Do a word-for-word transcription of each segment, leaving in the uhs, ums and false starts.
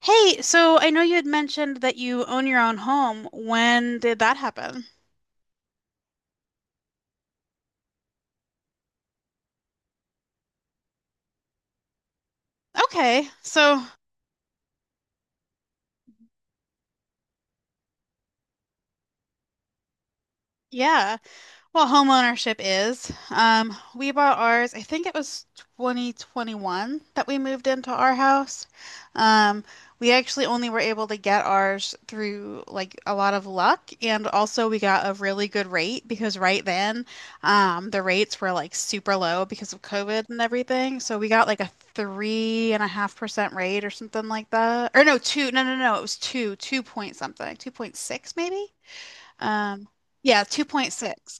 Hey, so I know you had mentioned that you own your own home. When did that happen? Okay, so yeah. Well, home ownership is. Um, we bought ours, I think it was twenty twenty-one that we moved into our house. Um, we actually only were able to get ours through like a lot of luck, and also we got a really good rate because right then, um, the rates were like super low because of COVID and everything. So we got like a three and a half percent rate or something like that. Or no, two, no, no, no, it was two, two point something, two point six maybe. Um, yeah, two point six.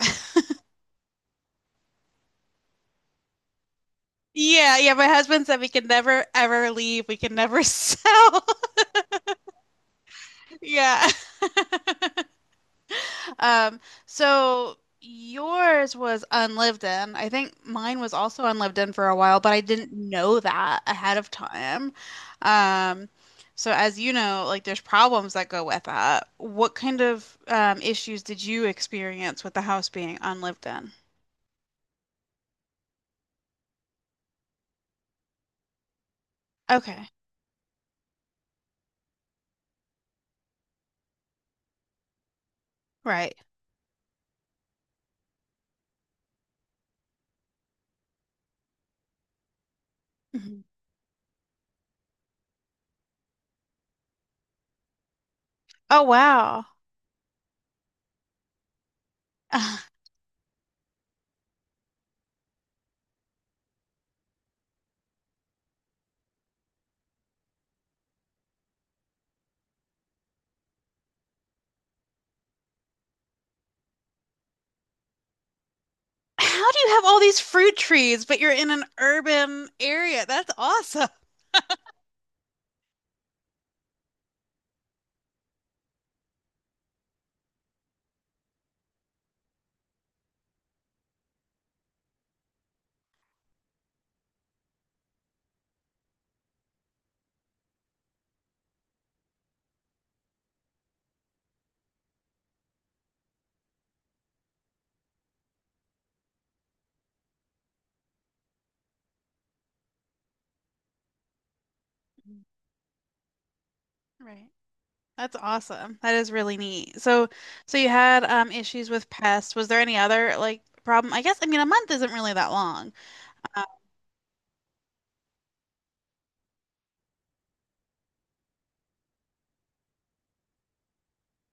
Yeah, yeah, my husband said we could never ever leave. We could never sell. Yeah. Um, so yours was unlived in. I think mine was also unlived in for a while, but I didn't know that ahead of time. Um, so as you know, like there's problems that go with that. What kind of um, issues did you experience with the house being unlived in? Okay. Right. Mhm. Oh, wow. How do you have all these fruit trees, but you're in an urban area? That's awesome. Right. That's awesome. That is really neat. So, so you had um issues with pests. Was there any other like problem? I guess I mean a month isn't really that long. Uh,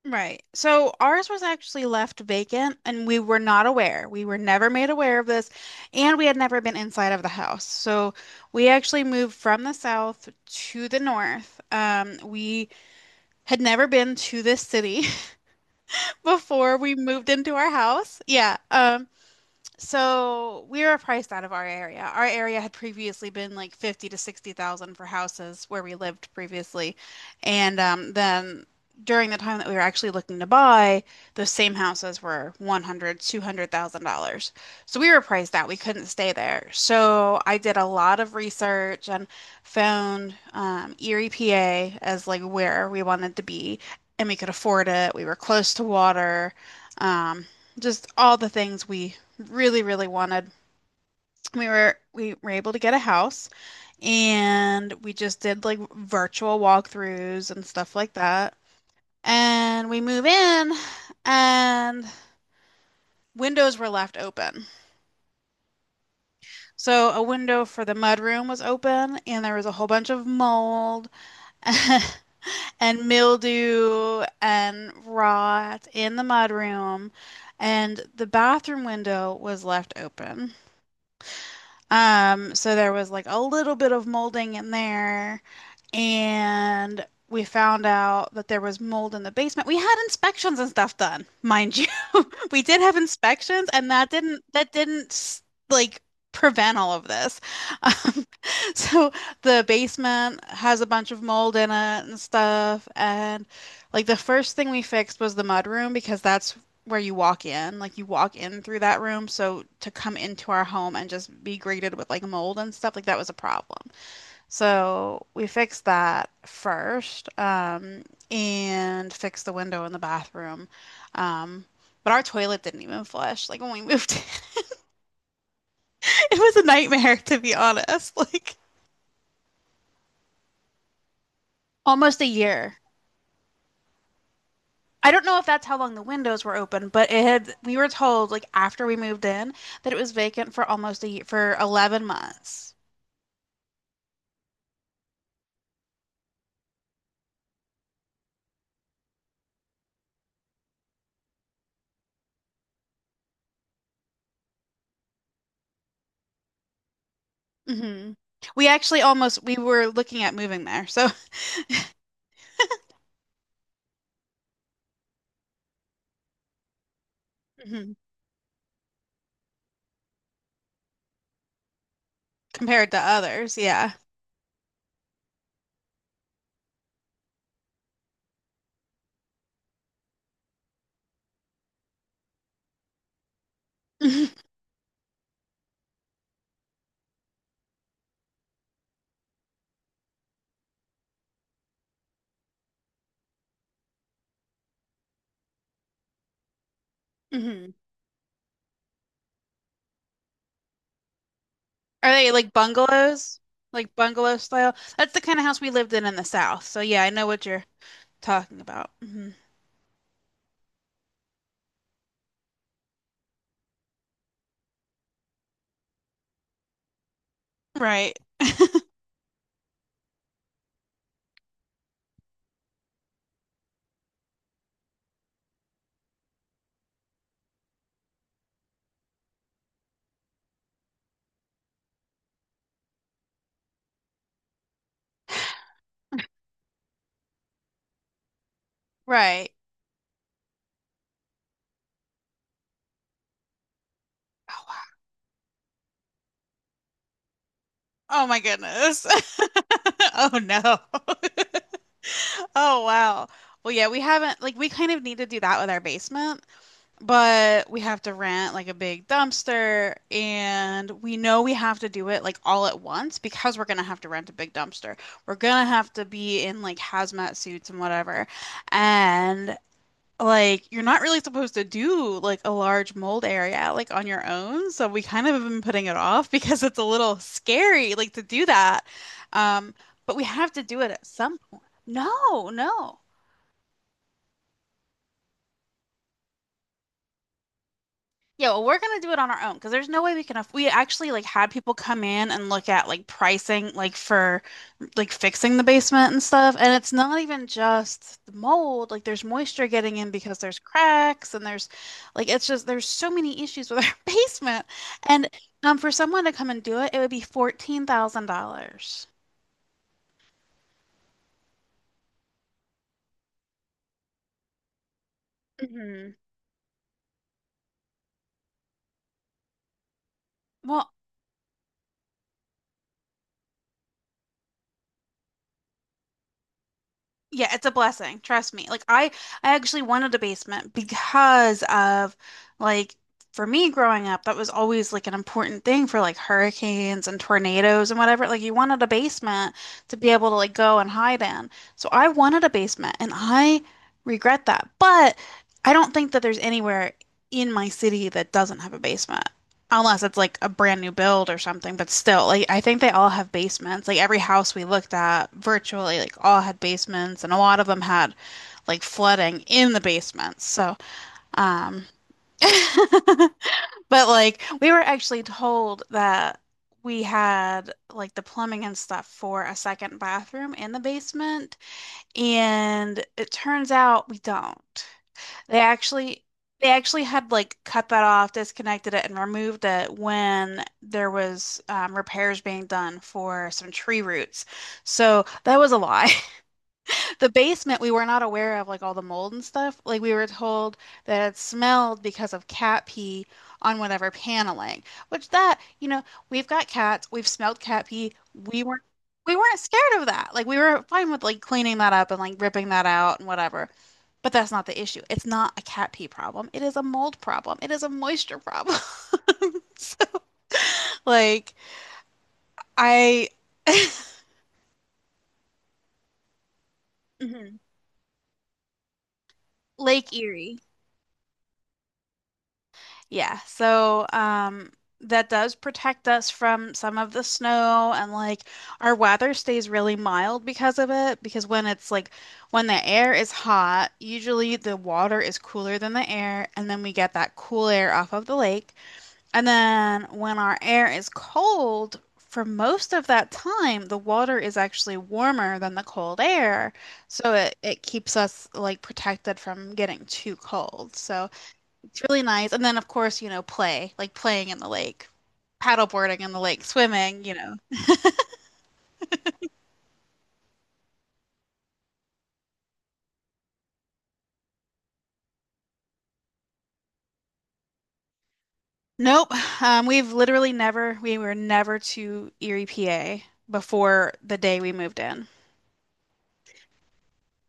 right. So ours was actually left vacant and we were not aware. We were never made aware of this and we had never been inside of the house. So we actually moved from the south to the north. Um, we had never been to this city. before we moved into our house. Yeah. Um so we are priced out of our area. Our area had previously been like fifty to sixty thousand for houses where we lived previously. And um, then during the time that we were actually looking to buy, those same houses were one hundred, two hundred thousand dollars. So we were priced out. We couldn't stay there. So I did a lot of research and found um, Erie, P A as like where we wanted to be and we could afford it. We were close to water. Um, just all the things we really, really wanted. We were we were able to get a house and we just did like virtual walkthroughs and stuff like that. And we move in and windows were left open. So a window for the mudroom was open and there was a whole bunch of mold and mildew and rot in the mudroom and the bathroom window was left open. Um, so there was like a little bit of molding in there, and we found out that there was mold in the basement. We had inspections and stuff done, mind you we did have inspections, and that didn't that didn't like prevent all of this. Um, so the basement has a bunch of mold in it and stuff, and like the first thing we fixed was the mud room because that's where you walk in. Like you walk in through that room, so to come into our home and just be greeted with like mold and stuff, like that was a problem. So we fixed that first, um, and fixed the window in the bathroom. Um, but our toilet didn't even flush. Like when we moved in, it was a nightmare to be honest. Like almost a year. I don't know if that's how long the windows were open, but it had, we were told like after we moved in that it was vacant for almost a year, for eleven months. Hmm. We actually almost, we were looking at moving there. So mhm, compared to others, yeah. hmm. Are they like bungalows? Like bungalow style? That's the kind of house we lived in in the South. So yeah, I know what you're talking about. Hmm. Right. Right. Oh my goodness. Oh no. Oh wow. Well, yeah, we haven't like we kind of need to do that with our basement, but we have to rent like a big dumpster and we know we have to do it like all at once because we're gonna have to rent a big dumpster. We're gonna have to be in like hazmat suits and whatever. And like you're not really supposed to do like a large mold area like on your own. So we kind of have been putting it off because it's a little scary like to do that. Um, but we have to do it at some point. No, no. Yeah, well, we're gonna do it on our own because there's no way we can aff we actually like had people come in and look at like pricing like for like fixing the basement and stuff. And it's not even just the mold. Like there's moisture getting in because there's cracks and there's like it's just there's so many issues with our basement. And um for someone to come and do it, it would be fourteen thousand dollars. Hmm. Well, yeah, it's a blessing. Trust me. Like I I actually wanted a basement because of like for me growing up, that was always like an important thing for like hurricanes and tornadoes and whatever. Like you wanted a basement to be able to like go and hide in. So I wanted a basement and I regret that. But I don't think that there's anywhere in my city that doesn't have a basement. Unless it's like a brand new build or something, but still, like I think they all have basements. Like every house we looked at virtually, like all had basements, and a lot of them had like flooding in the basements. So, um, but like we were actually told that we had like the plumbing and stuff for a second bathroom in the basement, and it turns out we don't. They actually they actually had like cut that off, disconnected it, and removed it when there was um, repairs being done for some tree roots. So that was a lie. The basement we were not aware of like all the mold and stuff. Like we were told that it smelled because of cat pee on whatever paneling. Which that, you know, we've got cats, we've smelled cat pee. We weren't we weren't scared of that. Like we were fine with like cleaning that up and like ripping that out and whatever. But that's not the issue. It's not a cat pee problem. It is a mold problem. It is a moisture problem. like I mhm. Lake Erie. Yeah. So um that does protect us from some of the snow and like our weather stays really mild because of it because when it's like when the air is hot, usually the water is cooler than the air and then we get that cool air off of the lake. And then when our air is cold, for most of that time, the water is actually warmer than the cold air. So it, it keeps us like protected from getting too cold. So it's really nice. And then, of course, you know, play, like playing in the lake, paddleboarding in the lake, swimming, you know. Nope. Um, we've literally never, we were never to Erie, P A before the day we moved in.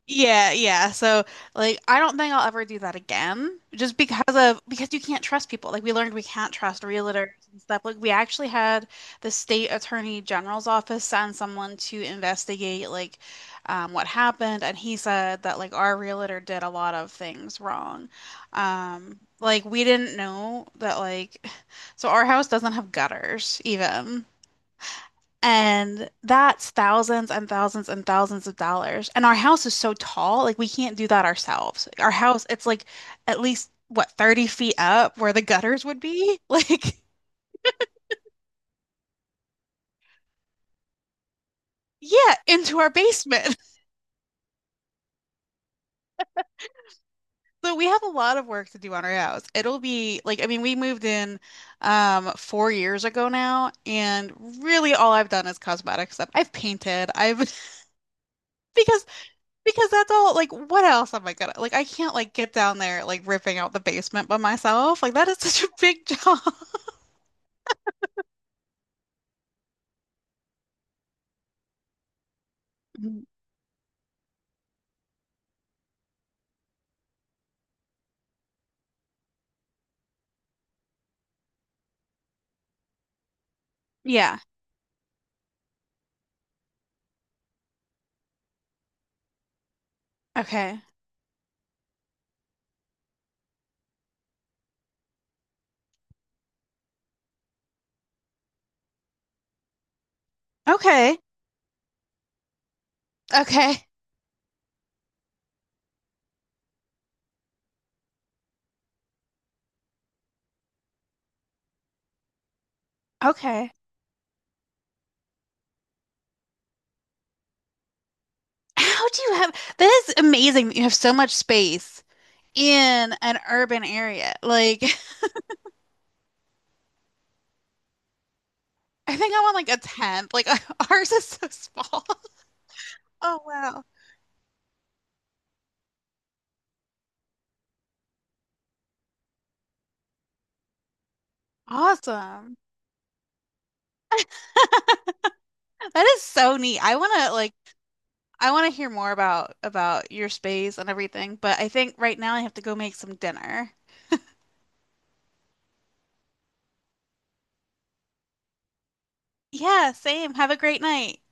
Yeah, yeah. So like I don't think I'll ever do that again just because of because you can't trust people. Like we learned we can't trust realtors and stuff. Like we actually had the state attorney general's office send someone to investigate like um, what happened and he said that like our realtor did a lot of things wrong. Um like we didn't know that like so our house doesn't have gutters even. And that's thousands and thousands and thousands of dollars. And our house is so tall, like we can't do that ourselves. Our house, it's like at least what, thirty feet up where the gutters would be? Like, yeah, into our basement. So we have a lot of work to do on our house. It'll be like, I mean, we moved in um four years ago now, and really all I've done is cosmetic stuff. I've painted, I've because Because that's all, like, what else am I gonna, like, I can't, like, get down there, like, ripping out the basement by myself. Like, that is such a big job. Mhm. Yeah. Okay. Okay. Okay. Okay. How do you have, that is amazing that you have so much space in an urban area. Like, I think I'm on, like, a tenth. Like, ours is so small. Oh, wow. Awesome. That is so neat. I want to, like, I want to hear more about about your space and everything, but I think right now I have to go make some dinner. Yeah, same. Have a great night.